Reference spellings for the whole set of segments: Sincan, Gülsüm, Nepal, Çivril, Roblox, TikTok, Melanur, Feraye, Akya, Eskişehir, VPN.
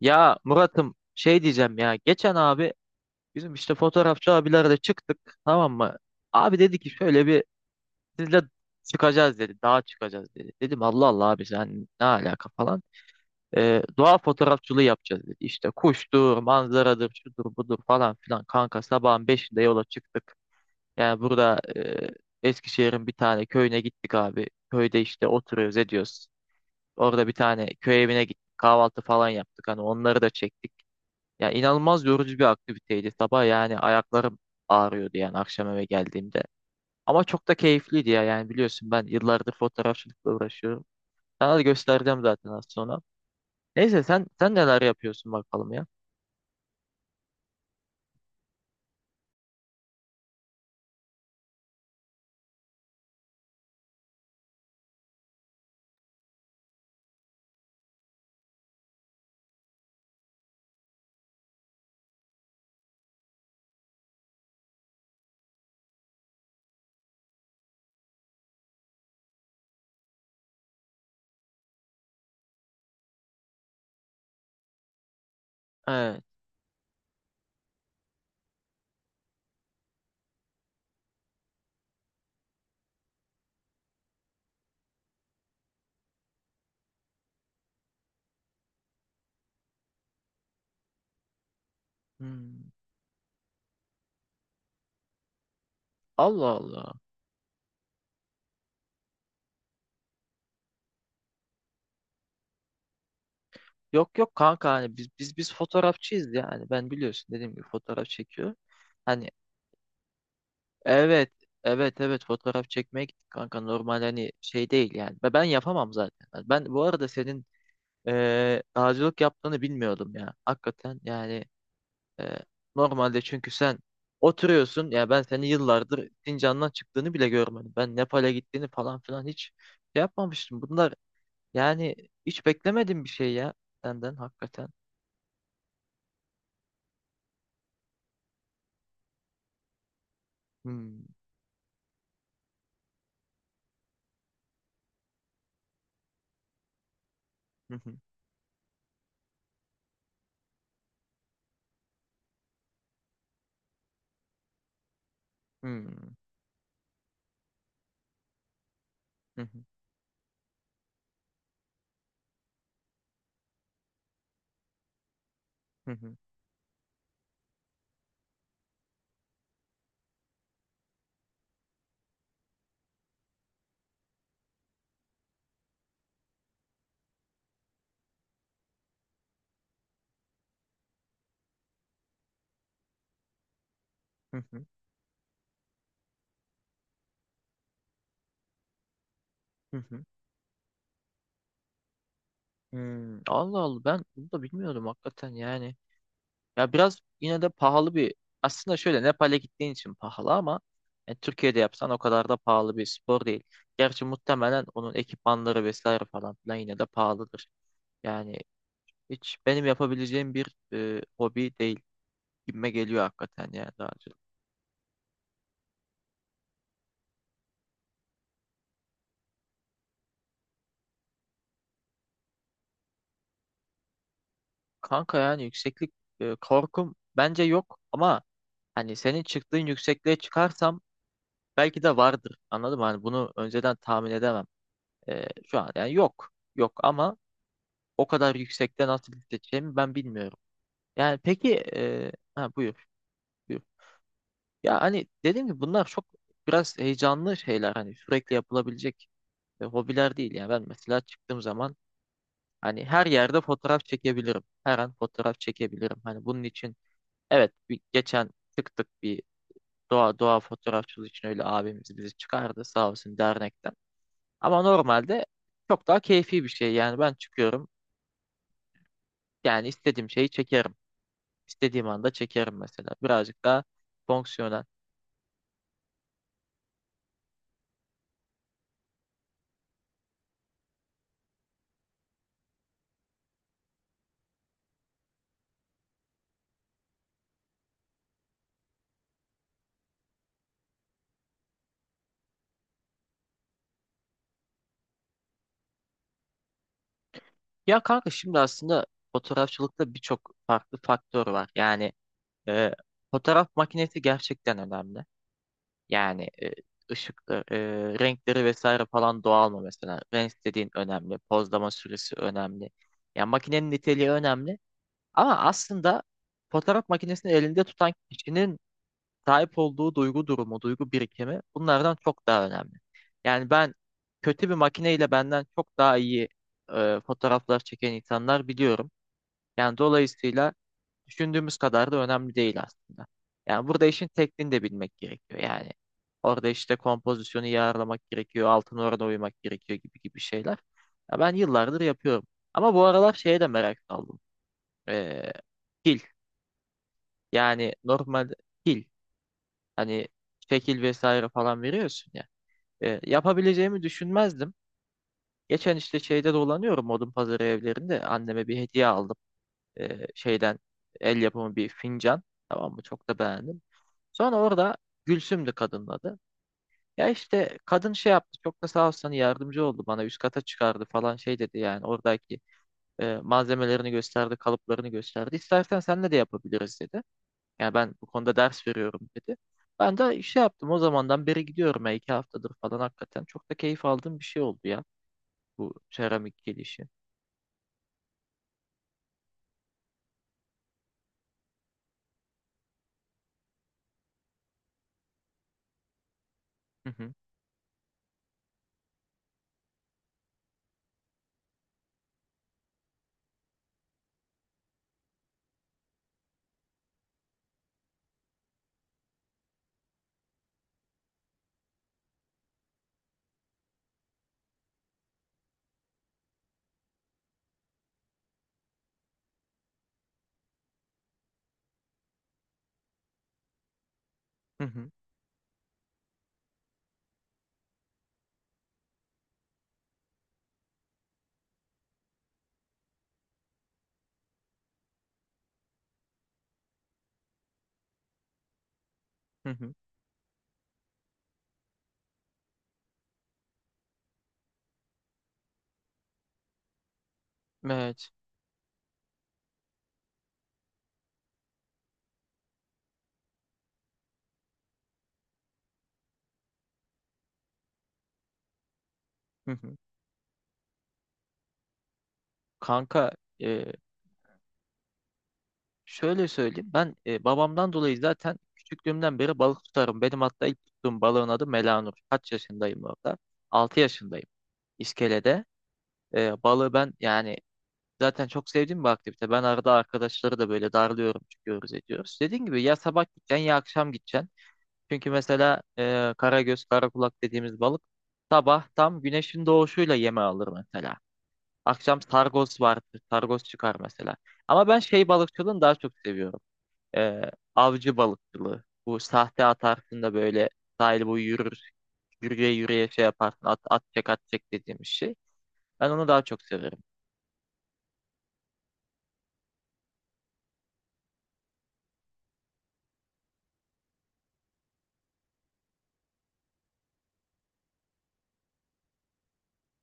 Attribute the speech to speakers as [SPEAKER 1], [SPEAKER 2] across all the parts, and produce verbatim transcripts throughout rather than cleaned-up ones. [SPEAKER 1] Ya Murat'ım şey diyeceğim ya geçen abi bizim işte fotoğrafçı abilerle çıktık tamam mı? Abi dedi ki şöyle bir sizle çıkacağız dedi dağa çıkacağız dedi. Dedim Allah Allah abi sen ne alaka falan. Ee, doğa fotoğrafçılığı yapacağız dedi. İşte kuştur, manzaradır, şudur budur falan filan kanka sabahın beşinde yola çıktık. Yani burada e, Eskişehir'in bir tane köyüne gittik abi. Köyde işte oturuyoruz ediyoruz. Orada bir tane köy evine gittik kahvaltı falan yaptık hani onları da çektik. Ya inanılmaz yorucu bir aktiviteydi. Sabah yani ayaklarım ağrıyordu yani akşam eve geldiğimde. Ama çok da keyifliydi ya yani biliyorsun ben yıllardır fotoğrafçılıkla uğraşıyorum. Sana da göstereceğim zaten az sonra. Neyse sen sen neler yapıyorsun bakalım ya. Evet. Hmm. Allah Allah. Yok yok kanka hani biz biz biz fotoğrafçıyız yani. Ben biliyorsun dediğim gibi fotoğraf çekiyor. Hani evet evet evet fotoğraf çekmeye gittik kanka normal hani şey değil yani. Ve ben yapamam zaten. Hani ben bu arada senin e, dağcılık yaptığını bilmiyordum ya. Hakikaten yani e, normalde çünkü sen oturuyorsun ya ben seni yıllardır Sincan'dan çıktığını bile görmedim. Ben Nepal'e gittiğini falan filan hiç şey yapmamıştım. Bunlar yani hiç beklemedim bir şey ya senden hakikaten. Hmm. Hı hı. Hmm. Hı hı. Hı hı. Hı hı. Hı hı. Hmm. Allah Allah ben bunu da bilmiyordum hakikaten yani. Ya biraz yine de pahalı bir aslında şöyle Nepal'e gittiğin için pahalı ama yani Türkiye'de yapsan o kadar da pahalı bir spor değil. Gerçi muhtemelen onun ekipmanları vesaire falan filan yine de pahalıdır. Yani hiç benim yapabileceğim bir e, hobi değil gibime geliyor hakikaten yani daha önce. Kanka yani yükseklik e, korkum bence yok ama hani senin çıktığın yüksekliğe çıkarsam belki de vardır. Anladın mı? Hani bunu önceden tahmin edemem. E, şu an yani yok. Yok ama o kadar yüksekte nasıl hissedeceğimi ben bilmiyorum. Yani peki e, ha, buyur, buyur. Ya hani dediğim gibi bunlar çok biraz heyecanlı şeyler hani sürekli yapılabilecek e, hobiler değil. Yani ben mesela çıktığım zaman hani her yerde fotoğraf çekebilirim. Her an fotoğraf çekebilirim. Hani bunun için evet bir, geçen çıktık bir doğa doğa fotoğrafçılığı için öyle abimiz bizi çıkardı sağ olsun dernekten. Ama normalde çok daha keyfi bir şey. Yani ben çıkıyorum yani istediğim şeyi çekerim. İstediğim anda çekerim mesela. Birazcık daha fonksiyonel. Ya kanka şimdi aslında fotoğrafçılıkta birçok farklı faktör var. Yani e, fotoğraf makinesi gerçekten önemli. Yani e, ışıkları, e, renkleri vesaire falan doğal mı mesela? Renk dediğin önemli. Pozlama süresi önemli. Yani makinenin niteliği önemli. Ama aslında fotoğraf makinesini elinde tutan kişinin sahip olduğu duygu durumu, duygu birikimi bunlardan çok daha önemli. Yani ben kötü bir makineyle benden çok daha iyi e, fotoğraflar çeken insanlar biliyorum. Yani dolayısıyla düşündüğümüz kadar da önemli değil aslında. Yani burada işin tekniğini de bilmek gerekiyor. Yani orada işte kompozisyonu iyi ayarlamak gerekiyor, altın orana uymak gerekiyor gibi gibi şeyler. Ya ben yıllardır yapıyorum. Ama bu aralar şeye de merak saldım. Ee, pil. Yani normal pil. Hani şekil vesaire falan veriyorsun ya. E, yapabileceğimi düşünmezdim. Geçen işte şeyde dolanıyorum odun pazarı evlerinde. Anneme bir hediye aldım. E, şeyden el yapımı bir fincan. Tamam mı? Çok da beğendim. Sonra orada Gülsüm'dü kadının adı. Ya işte kadın şey yaptı. Çok da sağ olsun hani yardımcı oldu bana. Üst kata çıkardı falan şey dedi yani. Oradaki e, malzemelerini gösterdi, kalıplarını gösterdi. İstersen senle de yapabiliriz dedi. Yani ben bu konuda ders veriyorum dedi. Ben de şey yaptım o zamandan beri gidiyorum ya iki haftadır falan hakikaten. Çok da keyif aldığım bir şey oldu ya bu seramik gelişi. Hı hı, hı hı, hı hı. Evet. Hı hı. Kanka e, şöyle söyleyeyim ben e, babamdan dolayı zaten küçüklüğümden beri balık tutarım. Benim hatta ilk tuttuğum balığın adı Melanur. Kaç yaşındayım orada? Altı yaşındayım. İskelede. E, balığı ben yani zaten çok sevdiğim bir aktivite. Ben arada arkadaşları da böyle darlıyorum, çıkıyoruz ediyoruz. Dediğim gibi ya sabah gideceksin ya akşam gideceksin. Çünkü mesela e, karagöz, karakulak dediğimiz balık sabah tam güneşin doğuşuyla yeme alır mesela. Akşam sargos vardır, sargos çıkar mesela. Ama ben şey balıkçılığını daha çok seviyorum. E, avcı balıkçılığı. Bu sahte atarsın da böyle sahil boyu yürür, yürüye yürüye şey yaparsın, at, at çek at çek dediğimiz şey. Ben onu daha çok severim.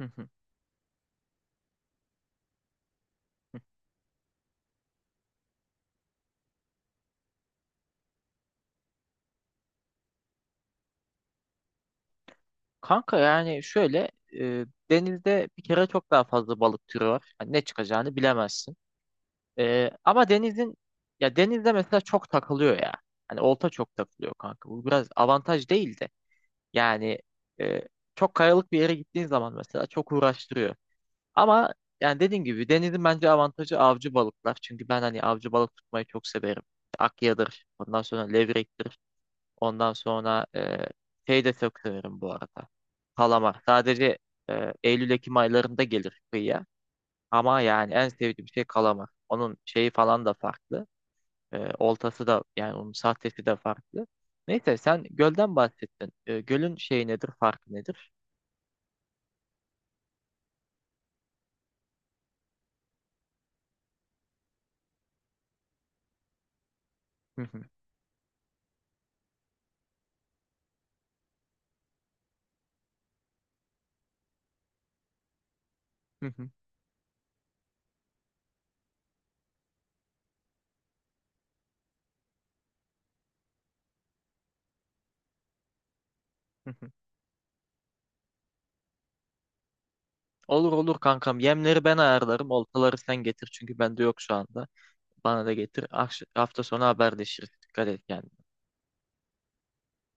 [SPEAKER 1] Kanka yani şöyle e, denizde bir kere çok daha fazla balık türü var. Yani ne çıkacağını bilemezsin. E, ama denizin ya denizde mesela çok takılıyor ya. Hani olta çok takılıyor kanka. Bu biraz avantaj değil de. Yani e, çok kayalık bir yere gittiğin zaman mesela çok uğraştırıyor. Ama yani dediğim gibi denizin bence avantajı avcı balıklar. Çünkü ben hani avcı balık tutmayı çok severim. İşte Akya'dır, ondan sonra levrektir. Ondan sonra e, şey de çok severim bu arada. Kalamar. Sadece e, Eylül-Ekim aylarında gelir kıyıya. Ama yani en sevdiğim şey kalamar. Onun şeyi falan da farklı. E, oltası da yani onun sahtesi de farklı. Neyse sen gölden bahsettin. E, gölün şeyi nedir, farkı nedir? Hı hı, hı hı, hı hı. Olur olur kankam. Yemleri ben ayarlarım. Oltaları sen getir çünkü bende yok şu anda. Bana da getir. Akş- Hafta sonu haberleşiriz. Dikkat et kendine.